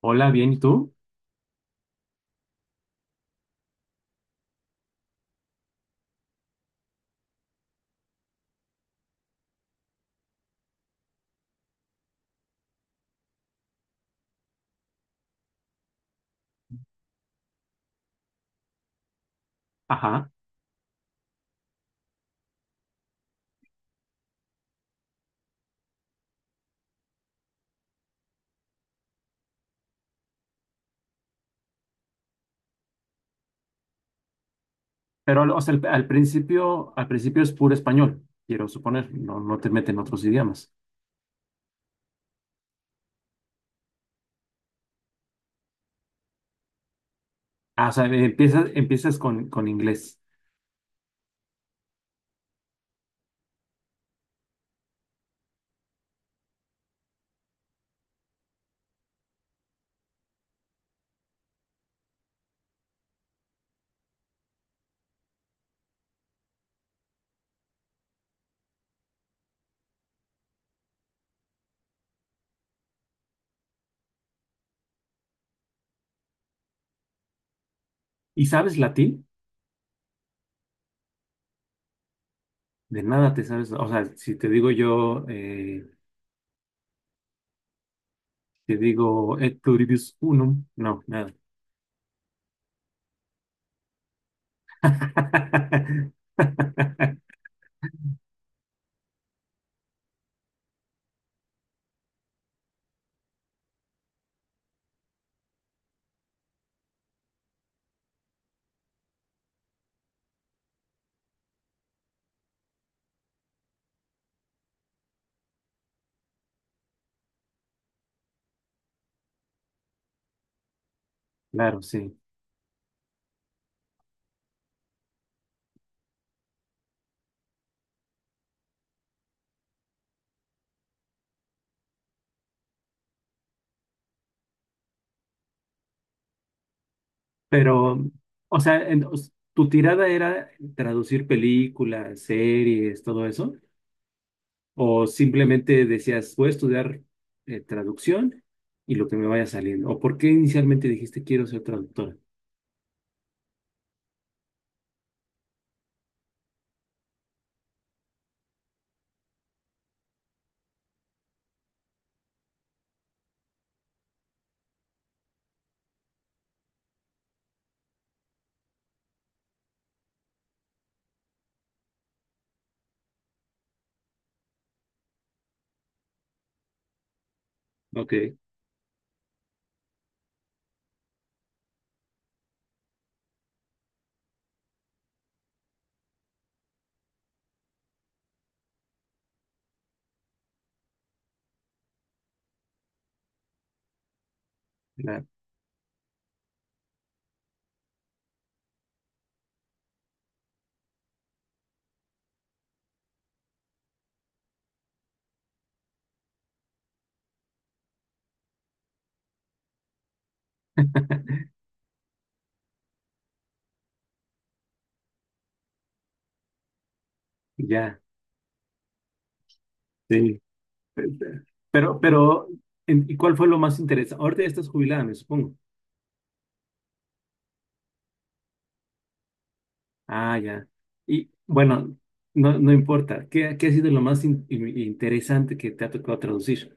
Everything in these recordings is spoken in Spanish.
Hola, bien, ¿y tú? Ajá. O sea, al principio, al principio es puro español, quiero suponer, no, no te meten otros idiomas. Ah, o sea, empiezas con inglés. ¿Y sabes latín? De nada te sabes. O sea, si te digo yo, te digo et pluribus unum, no, nada. Claro, sí. Pero, o sea, tu tirada era traducir películas, series, todo eso. O simplemente decías, voy a estudiar traducción y lo que me vaya saliendo. ¿O por qué inicialmente dijiste quiero ser traductora? Ok, la- ya, sí. Pe- pe- Pero, pero, ¿Y cuál fue lo más interesante? Ahorita ya estás jubilada, me supongo. Ah, ya. Y bueno, no, no importa. ¿Qué ha sido lo más interesante que te ha tocado traducir?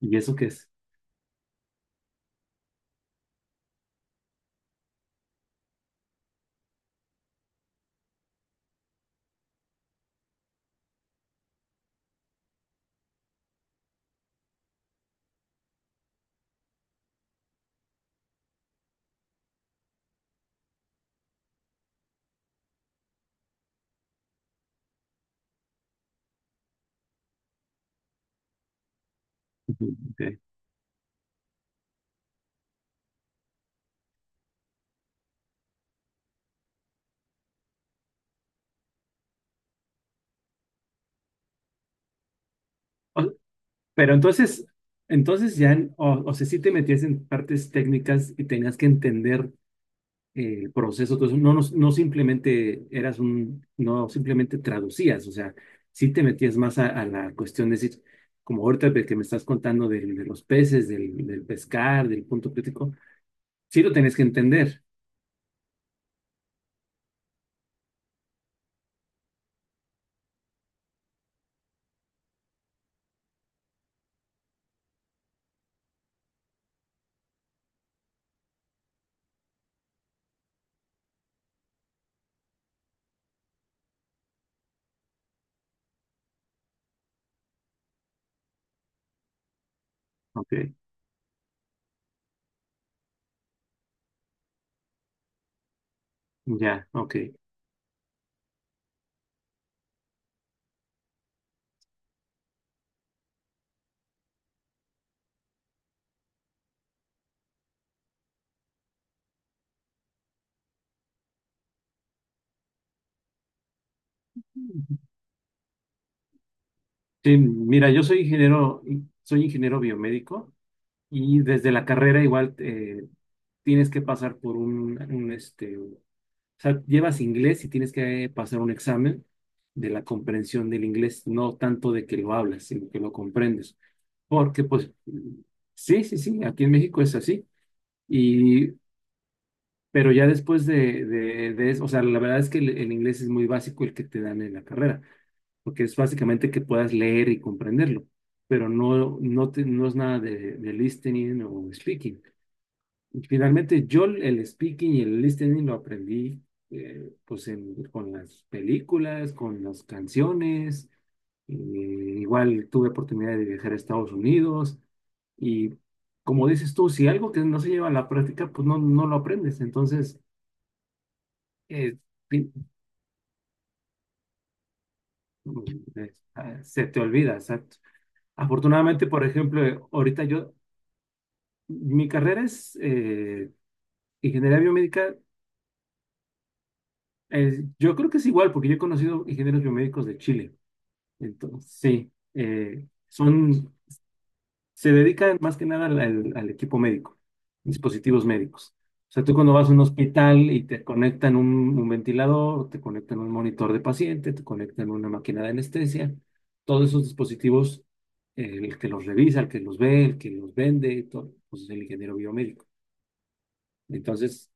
¿Y eso qué es? Ujú, ok. O- pero entonces, entonces ya, o sea, si te metías en partes técnicas y tenías que entender el proceso, todo eso, no, no, simplemente eras un, no simplemente traducías, o sea, sí te metías más a la cuestión de decir, como ahorita de que me estás contando de, los peces, del, del pescar, del punto crítico, sí lo tenés que entender. Ok, ya, ok. Sí, mira, yo soy ingeniero biomédico y desde la carrera igual tienes que pasar por un, este. O sea, llevas inglés y tienes que pasar un examen de la comprensión del inglés, no tanto de que lo hablas, sino que lo comprendes. Porque, pues, sí, sí, sí, aquí en México es así. Y, pero ya después de eso, o sea, la verdad es que el inglés es muy básico el que te dan en la carrera, porque es básicamente que puedas leer y comprenderlo, pero no, no, no es nada de, de listening o speaking. Finalmente, yo el speaking y el listening lo aprendí pues con las películas, con las canciones. Igual tuve oportunidad de viajar a Estados Unidos y como dices tú, si algo que no se lleva a la práctica, pues no, no lo aprendes. Entonces, eh, pi- mm, se te olvida, exacto. Afortunadamente, por ejemplo, ahorita yo, mi carrera es ingeniería biomédica. Yo creo que es igual porque yo he conocido ingenieros biomédicos de Chile. Entonces, sí, son, se dedican más que nada al, al equipo médico, dispositivos médicos. O sea, tú cuando vas a un hospital y te conectan un ventilador, te conectan un monitor de paciente, te conectan una máquina de anestesia, todos esos dispositivos, el que los revisa, el que los ve, el que los vende, todo, pues es el ingeniero biomédico. Entonces,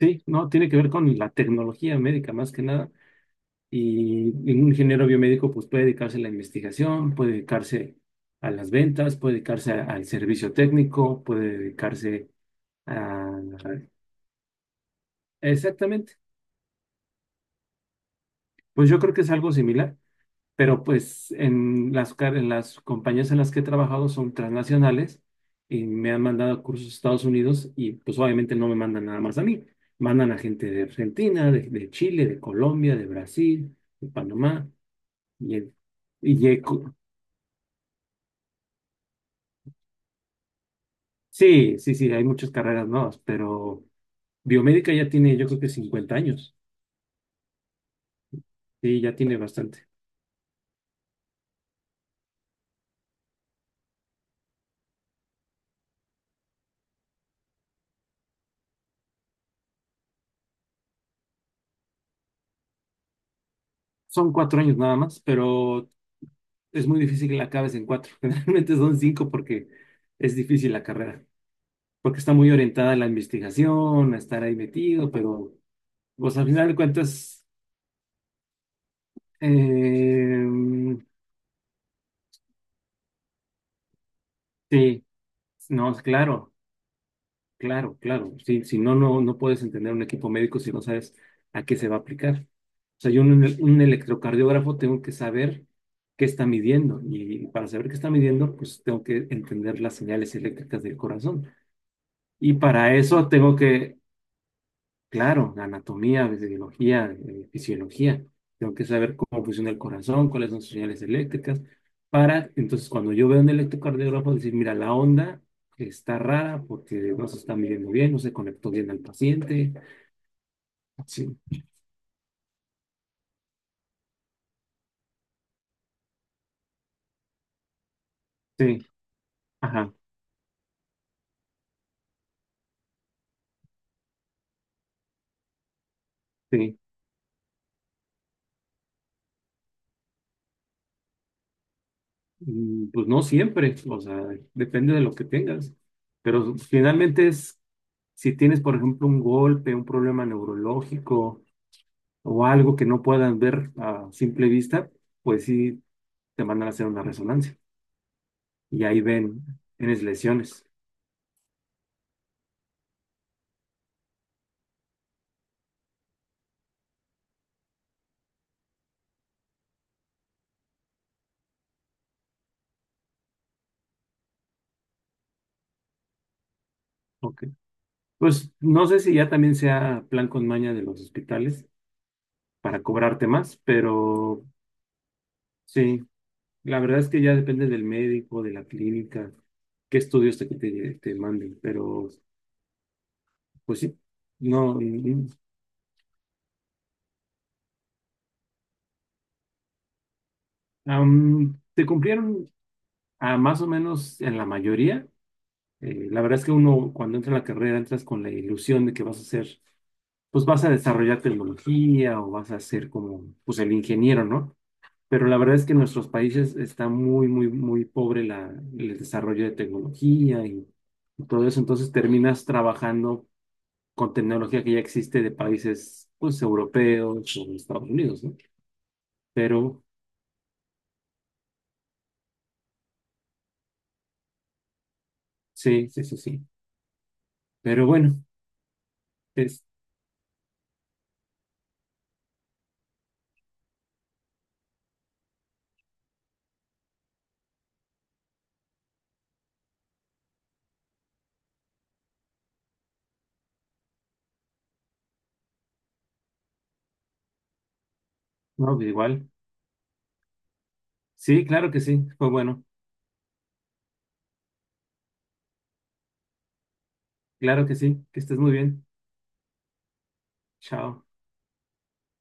sí, no, tiene que ver con la tecnología médica más que nada. Y un ingeniero biomédico pues puede dedicarse a la investigación, puede dedicarse a las ventas, puede dedicarse al servicio técnico, puede dedicarse a... Exactamente. Pues yo creo que es algo similar, pero pues en las, en las compañías en las que he trabajado son transnacionales y me han mandado cursos a Estados Unidos y pues obviamente no me mandan nada más a mí. Mandan a gente de Argentina, de Chile, de Colombia, de Brasil, de Panamá. Y, y, he co- Sí, sí, sí, hay muchas carreras nuevas, pero biomédica ya tiene, yo creo que 50 años. Sí, ya tiene bastante. Son 4 años nada más, pero es muy difícil que la acabes en 4. Generalmente son 5 porque es difícil la carrera, porque está muy orientada a la investigación, a estar ahí metido, pero pues al final de cuentas, eh, sí, no, claro. Claro, claro. Sí, si no, no, no puedes entender un equipo médico si no sabes a qué se va a aplicar. O sea, yo en un, un electrocardiógrafo tengo que saber qué está midiendo y para saber qué está midiendo, pues tengo que entender las señales eléctricas del corazón. Y para eso tengo que... Claro, anatomía, biología, fisiología. Tengo que saber cómo funciona el corazón, cuáles son sus señales eléctricas, para entonces cuando yo veo un electrocardiograma decir, mira, la onda está rara porque no se está midiendo bien, no se conectó bien al paciente. Sí, sí, ajá, sí. Pues no siempre, o sea, depende de lo que tengas. Pero finalmente es, si tienes, por ejemplo, un golpe, un problema neurológico o algo que no puedan ver a simple vista, pues sí te mandan a hacer una resonancia y ahí ven, tienes lesiones. Ok. Pues no sé si ya también sea plan con maña de los hospitales para cobrarte más, pero sí, la verdad es que ya depende del médico, de la clínica, qué estudios te, te, te manden, pero pues sí, no. Te cumplieron a más o menos en la mayoría. La verdad es que uno cuando entra en la carrera entras con la ilusión de que vas a hacer, pues vas a desarrollar tecnología o vas a ser como, pues el ingeniero, ¿no? Pero la verdad es que en nuestros países está muy, muy, muy pobre la, el desarrollo de tecnología y todo eso. Entonces terminas trabajando con tecnología que ya existe de países, pues, europeos o de Estados Unidos, ¿no? Pero sí, sí, sí, sí. Pero bueno, es, no, igual. Sí, claro que sí. Pues bueno, claro que sí. Que estés muy bien. Chao.